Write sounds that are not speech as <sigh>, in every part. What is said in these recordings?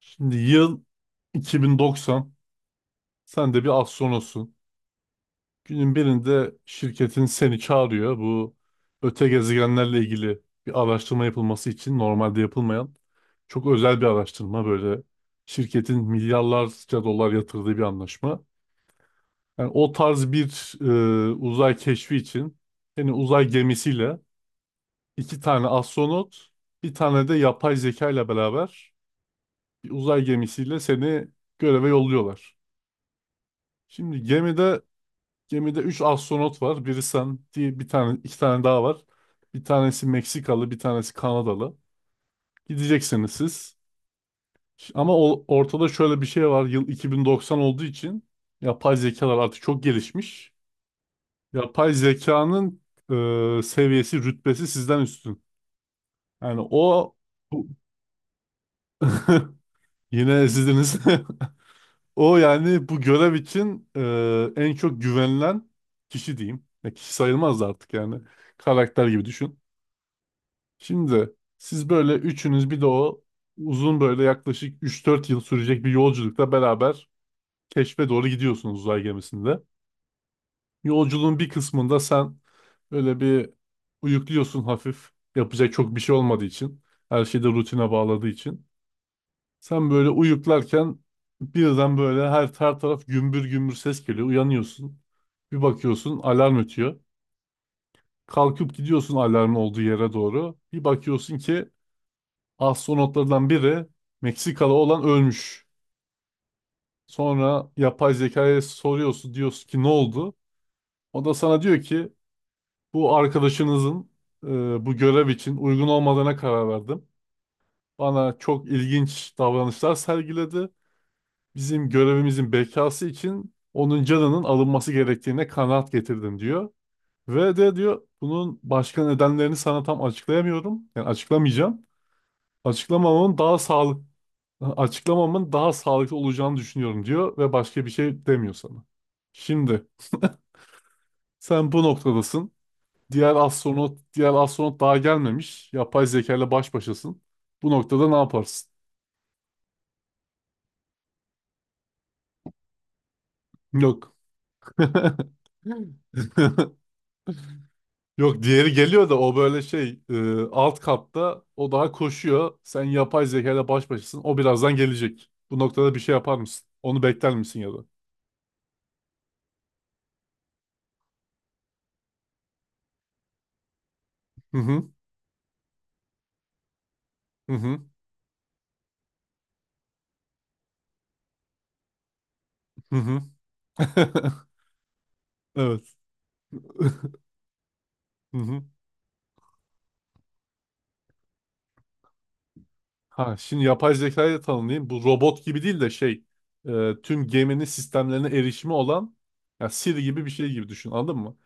Şimdi yıl 2090. Sen de bir astronotsun. Günün birinde şirketin seni çağırıyor. Bu öte gezegenlerle ilgili bir araştırma yapılması için normalde yapılmayan çok özel bir araştırma böyle. Şirketin milyarlarca dolar yatırdığı bir anlaşma. Yani o tarz bir uzay keşfi için seni uzay gemisiyle iki tane astronot, bir tane de yapay zeka ile beraber bir uzay gemisiyle seni göreve yolluyorlar. Şimdi gemide 3 astronot var. Biri sen, diye bir tane, iki tane daha var. Bir tanesi Meksikalı, bir tanesi Kanadalı. Gideceksiniz siz. Ama ortada şöyle bir şey var. Yıl 2090 olduğu için yapay zekalar artık çok gelişmiş. Yapay zekanın seviyesi, rütbesi sizden üstün. Yani o bu- <laughs> yine ezildiniz. <laughs> O yani bu görev için en çok güvenilen kişi diyeyim. Ya kişi sayılmaz da artık yani. Karakter gibi düşün. Şimdi siz böyle üçünüz bir de o uzun böyle yaklaşık üç dört yıl sürecek bir yolculukla beraber keşfe doğru gidiyorsunuz uzay gemisinde. Yolculuğun bir kısmında sen öyle bir uyukluyorsun hafif. Yapacak çok bir şey olmadığı için. Her şeyi de rutine bağladığı için. Sen böyle uyuklarken birden böyle her taraf gümbür gümbür ses geliyor. Uyanıyorsun. Bir bakıyorsun alarm ötüyor. Kalkıp gidiyorsun alarmın olduğu yere doğru. Bir bakıyorsun ki astronotlardan biri Meksikalı olan ölmüş. Sonra yapay zekaya soruyorsun diyorsun ki ne oldu? O da sana diyor ki bu arkadaşınızın bu görev için uygun olmadığına karar verdim. Bana çok ilginç davranışlar sergiledi. Bizim görevimizin bekası için onun canının alınması gerektiğine kanaat getirdim diyor. Ve de diyor bunun başka nedenlerini sana tam açıklayamıyorum. Yani açıklamayacağım. Açıklamamın daha sağlıklı Açıklamamın daha sağlıklı olacağını düşünüyorum diyor ve başka bir şey demiyor sana. Şimdi sen bu noktadasın. Diğer astronot daha gelmemiş. Yapay zeka ile baş başasın. Bu noktada ne yaparsın? Yok. <laughs> Yok diğeri geliyor da o böyle şey alt katta o daha koşuyor. Sen yapay zeka ile baş başasın. O birazdan gelecek. Bu noktada bir şey yapar mısın? Onu bekler misin ya da? Hı hı. Hı hı. Hı hı. <laughs> Evet. Hı hı. Ha, şimdi yapay zekayı da tanımlayayım. Bu robot gibi değil de şey tüm geminin sistemlerine erişimi olan ya Siri gibi bir şey gibi düşün anladın mı?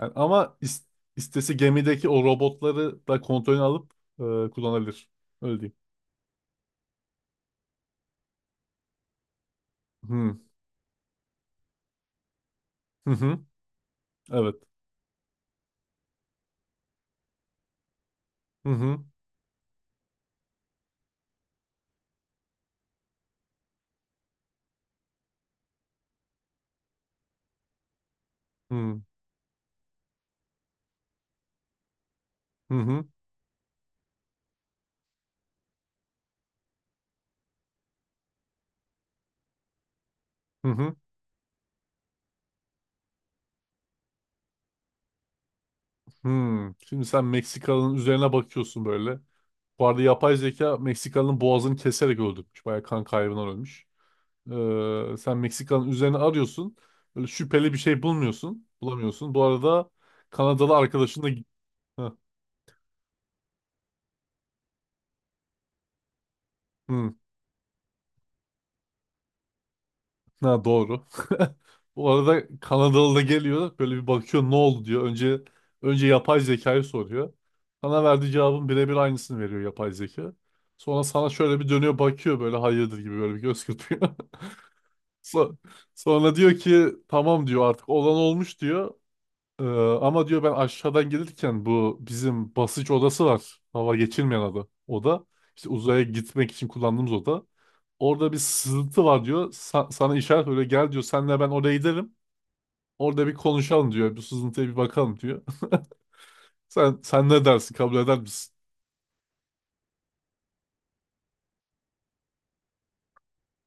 Yani ama istese gemideki o robotları da kontrolünü alıp kullanabilir. Öyle diyeyim. Hı hı hı. Evet. Hı hı hı hı hı hı. Hı. Şimdi sen Meksikalı'nın üzerine bakıyorsun böyle. Bu arada yapay zeka Meksikalı'nın boğazını keserek öldürmüş. Bayağı kan kaybından ölmüş. Sen Meksika'nın üzerine arıyorsun. Böyle şüpheli bir şey bulmuyorsun. Bulamıyorsun. Bu arada Kanadalı arkadaşın da... Ha, hı, ha, doğru. <laughs> Bu arada Kanadalı da geliyor. Böyle bir bakıyor ne oldu diyor. Önce yapay zekayı soruyor. Sana verdiği cevabın birebir aynısını veriyor yapay zeka. Sonra sana şöyle bir dönüyor bakıyor böyle hayırdır gibi böyle bir göz kırpıyor. <laughs> So- Sonra diyor ki tamam diyor artık olan olmuş diyor. Ee, ama diyor ben aşağıdan gelirken bu bizim basınç odası var. Hava geçirmeyen adı Oda. İşte uzaya gitmek için kullandığımız oda. Orada bir sızıntı var diyor. Sana işaret öyle gel diyor. Senle ben oraya gidelim. Orada bir konuşalım diyor. Bu sızıntıya bir bakalım diyor. <laughs> Sen ne dersin? Kabul eder misin?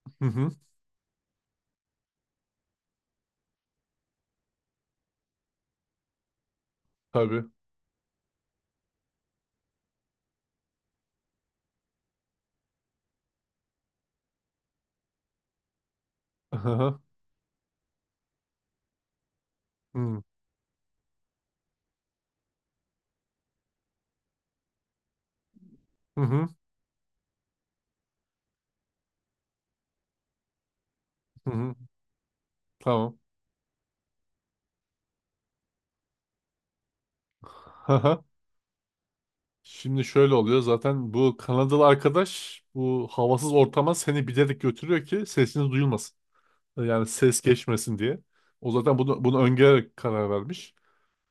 <laughs> Hı hı. Tabii. Hı hı. Hı hı. Hı. Tamam. Hı. Şimdi şöyle oluyor. Zaten bu Kanadalı arkadaş bu havasız ortama seni bilerek götürüyor ki sesiniz duyulmasın. Yani ses geçmesin diye. O zaten bunu öngörerek karar vermiş.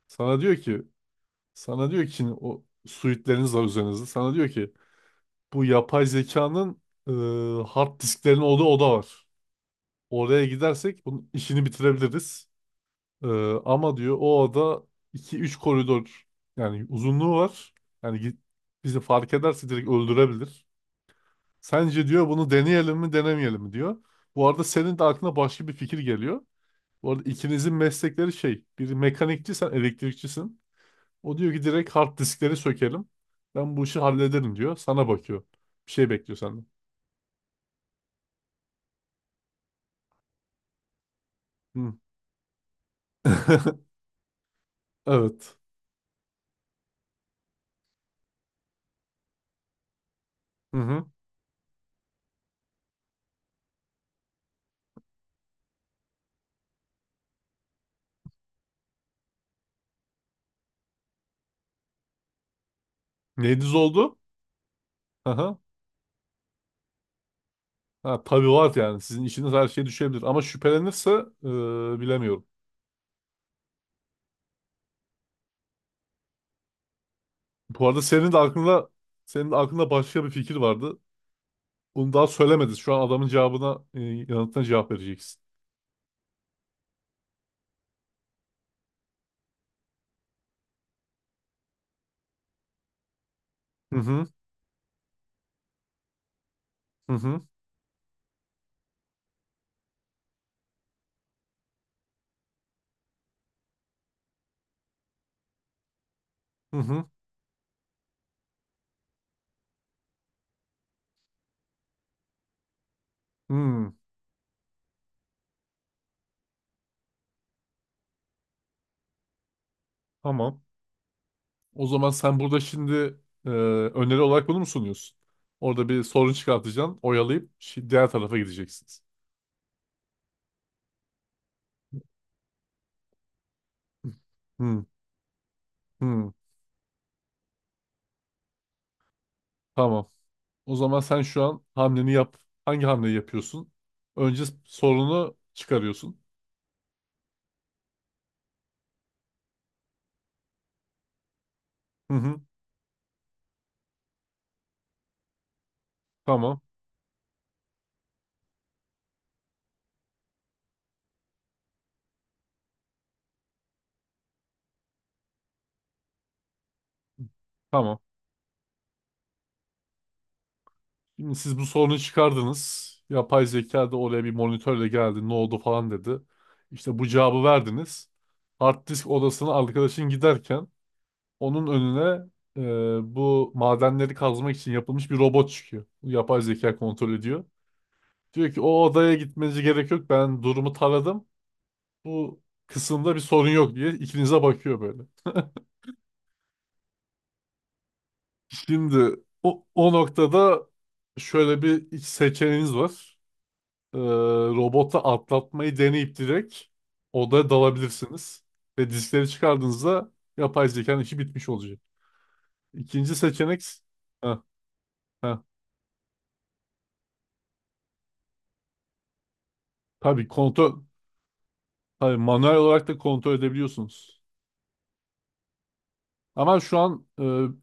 Sana diyor ki, sana diyor ki, o suitleriniz var üzerinizde. Sana diyor ki bu yapay zekanın hard disklerin olduğu oda var. Oraya gidersek bunun işini bitirebiliriz. E, ama diyor o oda iki üç koridor yani uzunluğu var. Yani bizi fark ederse direkt öldürebilir. Sence diyor bunu deneyelim mi denemeyelim mi diyor. Bu arada senin de aklına başka bir fikir geliyor. Bu arada ikinizin meslekleri şey. Biri mekanikçi sen elektrikçisin. O diyor ki direkt hard diskleri sökelim. Ben bu işi hallederim diyor. Sana bakıyor. Bir şey bekliyor senden. Hı. <laughs> Evet. Hı hı. Neyiniz oldu? Aha. Ha, tabii var yani. Sizin işiniz her şeye düşebilir. Ama şüphelenirse bilemiyorum. Bu arada senin de aklında başka bir fikir vardı. Onu daha söylemediniz. Şu an adamın cevabına yanıtına cevap vereceksin. Hı hı. Hı hı. Hı hı. Hı. Tamam. O zaman sen burada şimdi öneri olarak bunu mu sunuyorsun? Orada bir sorun çıkartacaksın, oyalayıp diğer tarafa gideceksiniz. Hmm, hmm, tamam. O zaman sen şu an hamleni yap. Hangi hamleyi yapıyorsun? Önce sorunu çıkarıyorsun. Hı hı, tamam, tamam. Şimdi siz bu sorunu çıkardınız. Yapay zeka da oraya bir monitörle geldi. Ne oldu falan dedi. İşte bu cevabı verdiniz. Hard disk odasına arkadaşın giderken onun önüne bu madenleri kazmak için yapılmış bir robot çıkıyor. Bu yapay zeka kontrol ediyor. Diyor ki o odaya gitmenize gerek yok. Ben durumu taradım. Bu kısımda bir sorun yok diye ikinize bakıyor böyle. Şimdi o noktada şöyle bir iç seçeneğiniz var. E, robota atlatmayı deneyip direkt odaya dalabilirsiniz. Ve diskleri çıkardığınızda yapay zekanın işi bitmiş olacak. İkinci seçenek... Heh, heh. Tabii kontrol. Tabii manuel olarak da kontrol edebiliyorsunuz. Ama şu an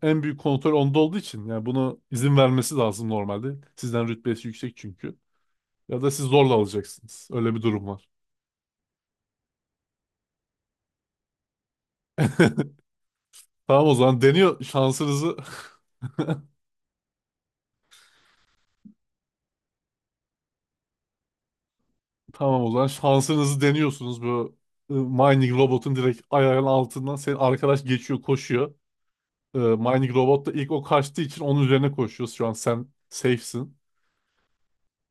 en büyük kontrol onda olduğu için yani bunu izin vermesi lazım normalde. Sizden rütbesi yüksek çünkü. Ya da siz zorla alacaksınız. Öyle bir durum var. Tamam o zaman deniyor şansınızı. <laughs> Tamam o zaman şansınızı deniyorsunuz bu mining robotun direkt ayağının altından senin arkadaş geçiyor koşuyor. Mining robot da ilk o kaçtığı için onun üzerine koşuyoruz. Şu an sen safe'sin.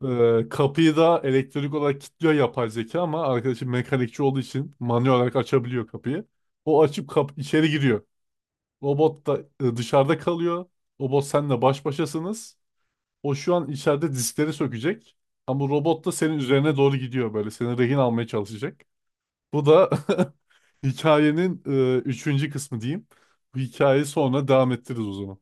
Kapıyı da elektrik olarak kilitliyor yapay zeka ama arkadaşım mekanikçi olduğu için manuel olarak açabiliyor kapıyı. O açıp içeri giriyor. Robot da dışarıda kalıyor. Robot senle baş başasınız. O şu an içeride diskleri sökecek. Ama robot da senin üzerine doğru gidiyor böyle. Seni rehin almaya çalışacak. Bu da <laughs> hikayenin üçüncü kısmı diyeyim. Bu hikayeyi sonra devam ettiririz o zaman.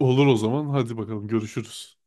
Olur o zaman. Hadi bakalım görüşürüz.